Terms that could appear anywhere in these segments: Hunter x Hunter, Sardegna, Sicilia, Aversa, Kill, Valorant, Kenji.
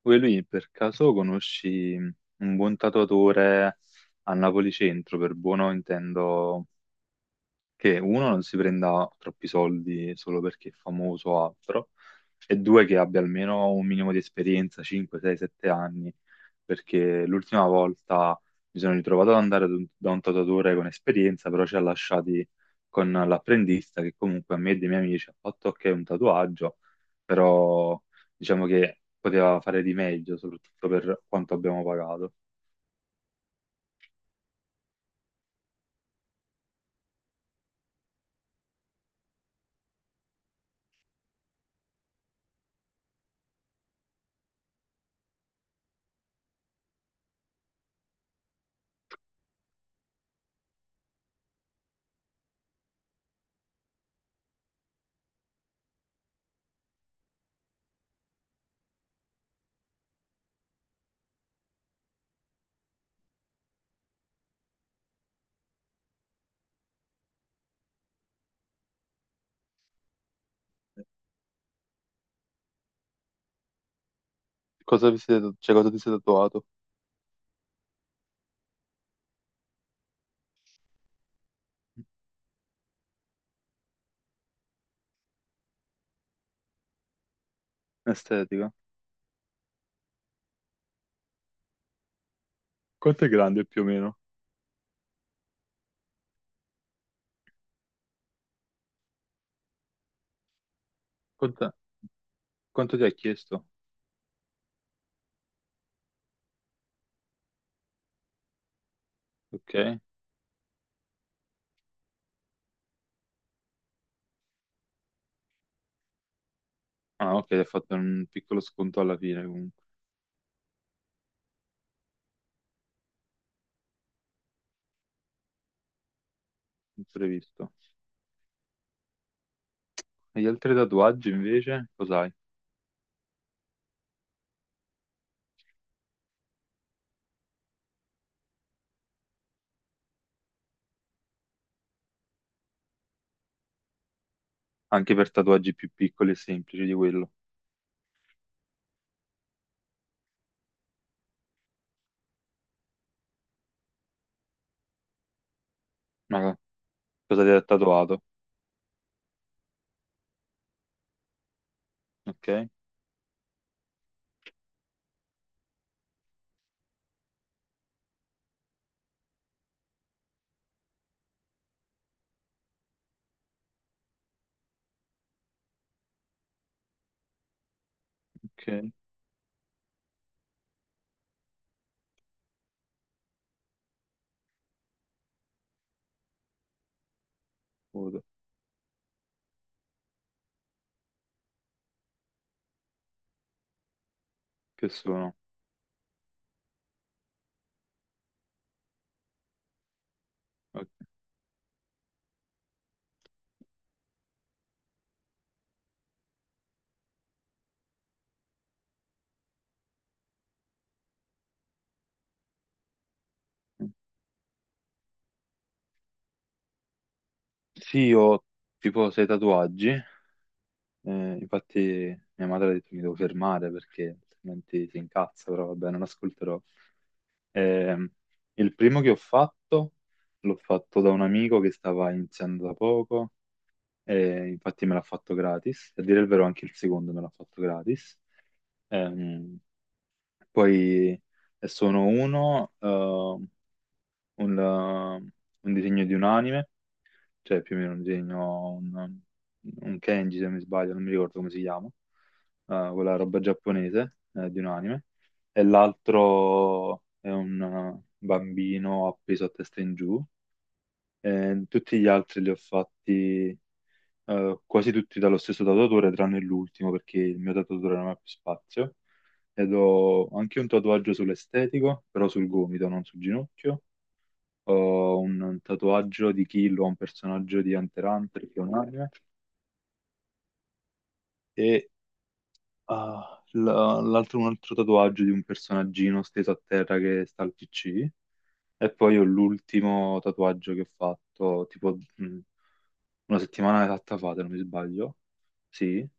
Poi lui per caso conosci un buon tatuatore a Napoli Centro? Per buono intendo che uno non si prenda troppi soldi solo perché è famoso o altro, e due che abbia almeno un minimo di esperienza, 5, 6, 7 anni, perché l'ultima volta mi sono ritrovato ad andare da un tatuatore con esperienza, però ci ha lasciati con l'apprendista che comunque a me e dei miei amici ha fatto ok un tatuaggio, però diciamo che poteva fare di meglio, soprattutto per quanto abbiamo pagato. Cosa vi siete, cioè, cosa ti sei tatuato? Estetica. Quanto è grande più o meno? Conta- Quanto ti ha chiesto? Ok. Ah, ok, hai fatto un piccolo sconto alla fine, comunque, imprevisto. E gli altri tatuaggi invece, cos'hai? Anche per tatuaggi più piccoli e semplici di quello. Ma cosa ti ha tatuato? Ok, ok. Foto. Che sono? Ok. Sì, io ho tipo sei tatuaggi. Infatti mia madre ha detto che mi devo fermare perché altrimenti si incazza, però vabbè, non ascolterò. Ehm, il primo che ho fatto l'ho fatto da un amico che stava iniziando da poco e infatti me l'ha fatto gratis. A dire il vero anche il secondo me l'ha fatto gratis. Ehm, Poi sono un disegno di un anime, cioè più o meno un disegno, un Kenji se non mi sbaglio, non mi ricordo come si chiama, quella roba giapponese, di un anime, e l'altro è un bambino appeso a testa in giù. E tutti gli altri li ho fatti, quasi tutti dallo stesso tatuatore, tranne l'ultimo perché il mio tatuatore non ha più spazio. Ed ho anche un tatuaggio sull'estetico, però sul gomito, non sul ginocchio. Ho un tatuaggio di Kill, ho un personaggio di Hunter x Hunter, che è un anime, e ah, l'altro, un altro tatuaggio di un personaggino steso a terra che sta al PC. E poi ho l'ultimo tatuaggio che ho fatto, tipo una settimana esatta fa, se non mi sbaglio. Sì, la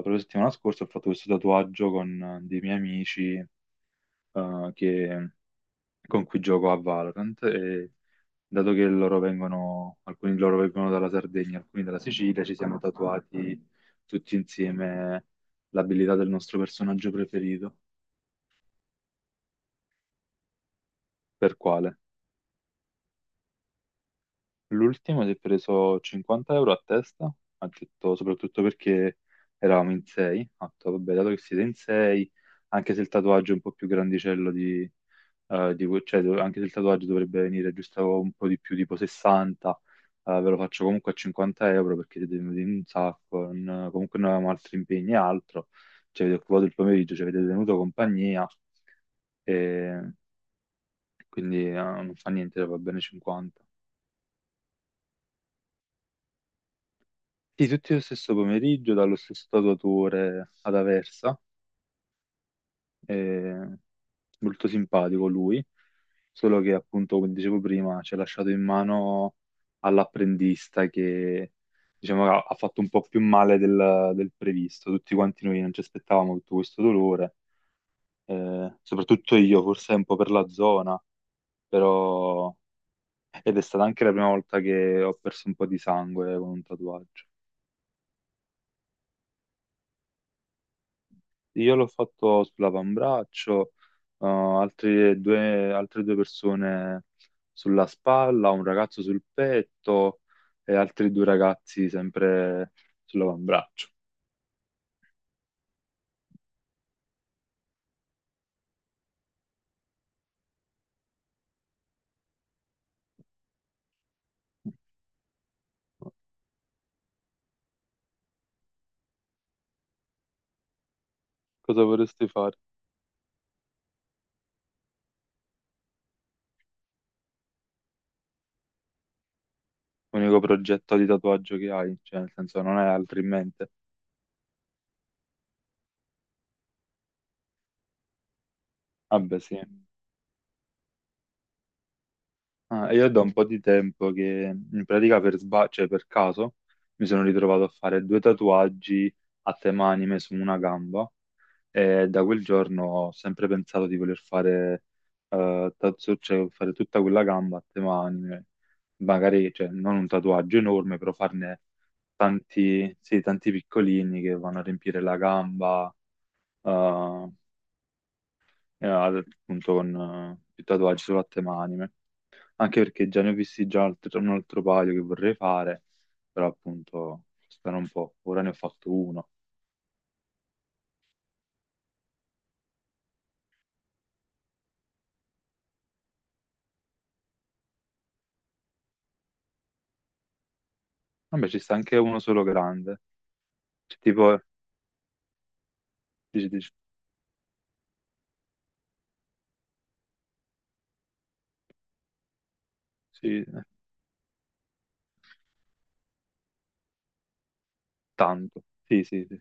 propria settimana scorsa ho fatto questo tatuaggio con dei miei amici eh, che- con cui gioco a Valorant. E dato che loro vengono, alcuni di loro vengono dalla Sardegna, alcuni dalla Sicilia, ci siamo tatuati tutti insieme l'abilità del nostro personaggio preferito. Per quale? L'ultimo si è preso 50 € a testa, ha detto soprattutto perché eravamo in 6, ha detto vabbè dato che siete in 6, anche se il tatuaggio è un po' più grandicello cioè, anche se il tatuaggio dovrebbe venire giusto un po' di più, tipo 60, ve lo faccio comunque a 50 € perché siete venuti in un sacco, comunque noi avevamo altri impegni e altro, ci avete occupato il pomeriggio, ci avete tenuto compagnia e quindi non fa niente, va bene 50. Sì, tutti lo stesso pomeriggio, dallo stesso tatuatore ad Aversa, eh, molto simpatico lui, solo che appunto, come dicevo prima, ci ha lasciato in mano all'apprendista che diciamo, ha fatto un po' più male del previsto. Tutti quanti noi non ci aspettavamo tutto questo dolore, soprattutto io, forse un po' per la zona, però. Ed è stata anche la prima volta che ho perso un po' di sangue con un tatuaggio. Io l'ho fatto sull'avambraccio, altre due persone sulla spalla, un ragazzo sul petto e altri due ragazzi sempre sull'avambraccio. Cosa vorresti fare? L'unico progetto di tatuaggio che hai, cioè nel senso non hai altri in mente. Vabbè, sì. Ah, e io da un po' di tempo che in pratica cioè per caso, mi sono ritrovato a fare due tatuaggi a tema anime su una gamba. E da quel giorno ho sempre pensato di voler fare cioè fare tutta quella gamba a tema anime, magari cioè, non un tatuaggio enorme, però farne tanti, sì, tanti piccolini che vanno a riempire la gamba, eh, e appunto con i tatuaggi solo a tema anime. Anche perché già ne ho visti già un altro paio che vorrei fare, però appunto costano un po'. Ora ne ho fatto uno. Vabbè, ci sta anche uno solo grande. Cioè, tipo, dici, dici, sì. Tanto. Sì, sì, sì.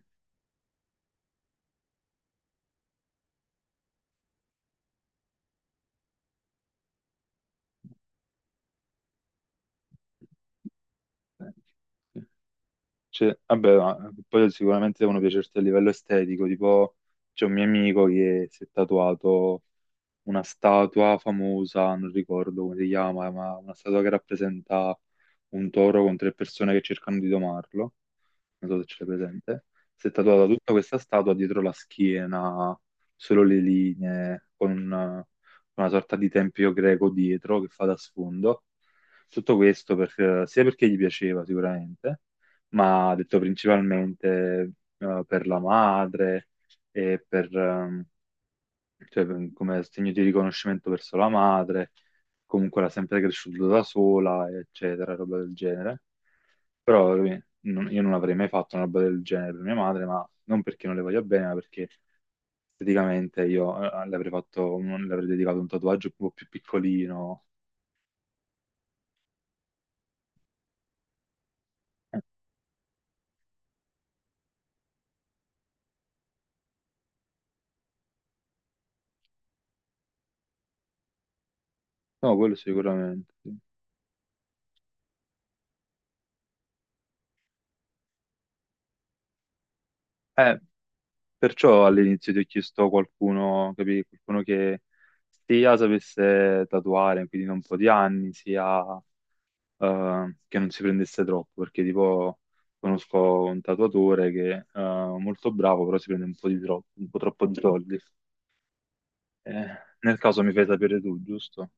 Eh, sì. Cioè, vabbè, ma poi sicuramente devono piacerti a livello estetico, tipo c'è un mio amico che si è tatuato una statua famosa, non ricordo come si chiama, ma una statua che rappresenta un toro con tre persone che cercano di domarlo. Non so se ce l'hai presente, si è tatuata tutta questa statua dietro la schiena, solo le linee, con una sorta di tempio greco dietro che fa da sfondo. Tutto questo sia perché gli piaceva sicuramente, ma ha detto principalmente per la madre e cioè, come segno di riconoscimento verso la madre, comunque l'ha sempre cresciuta da sola, eccetera, roba del genere. Però io non avrei mai fatto una roba del genere per mia madre, ma non perché non le voglia bene, ma perché esteticamente io le avrei fatto, le avrei dedicato un tatuaggio un po' più piccolino. Eh, No, quello sicuramente. Sì. Eh, Perciò all'inizio ti ho chiesto qualcuno, capì? Qualcuno che sia sapesse tatuare, quindi da un po' di anni, sia che non si prendesse troppo, perché tipo conosco un tatuatore che è molto bravo, però si prende un po' di troppo, un po' troppo di soldi. Eh, Nel caso mi fai sapere tu, giusto?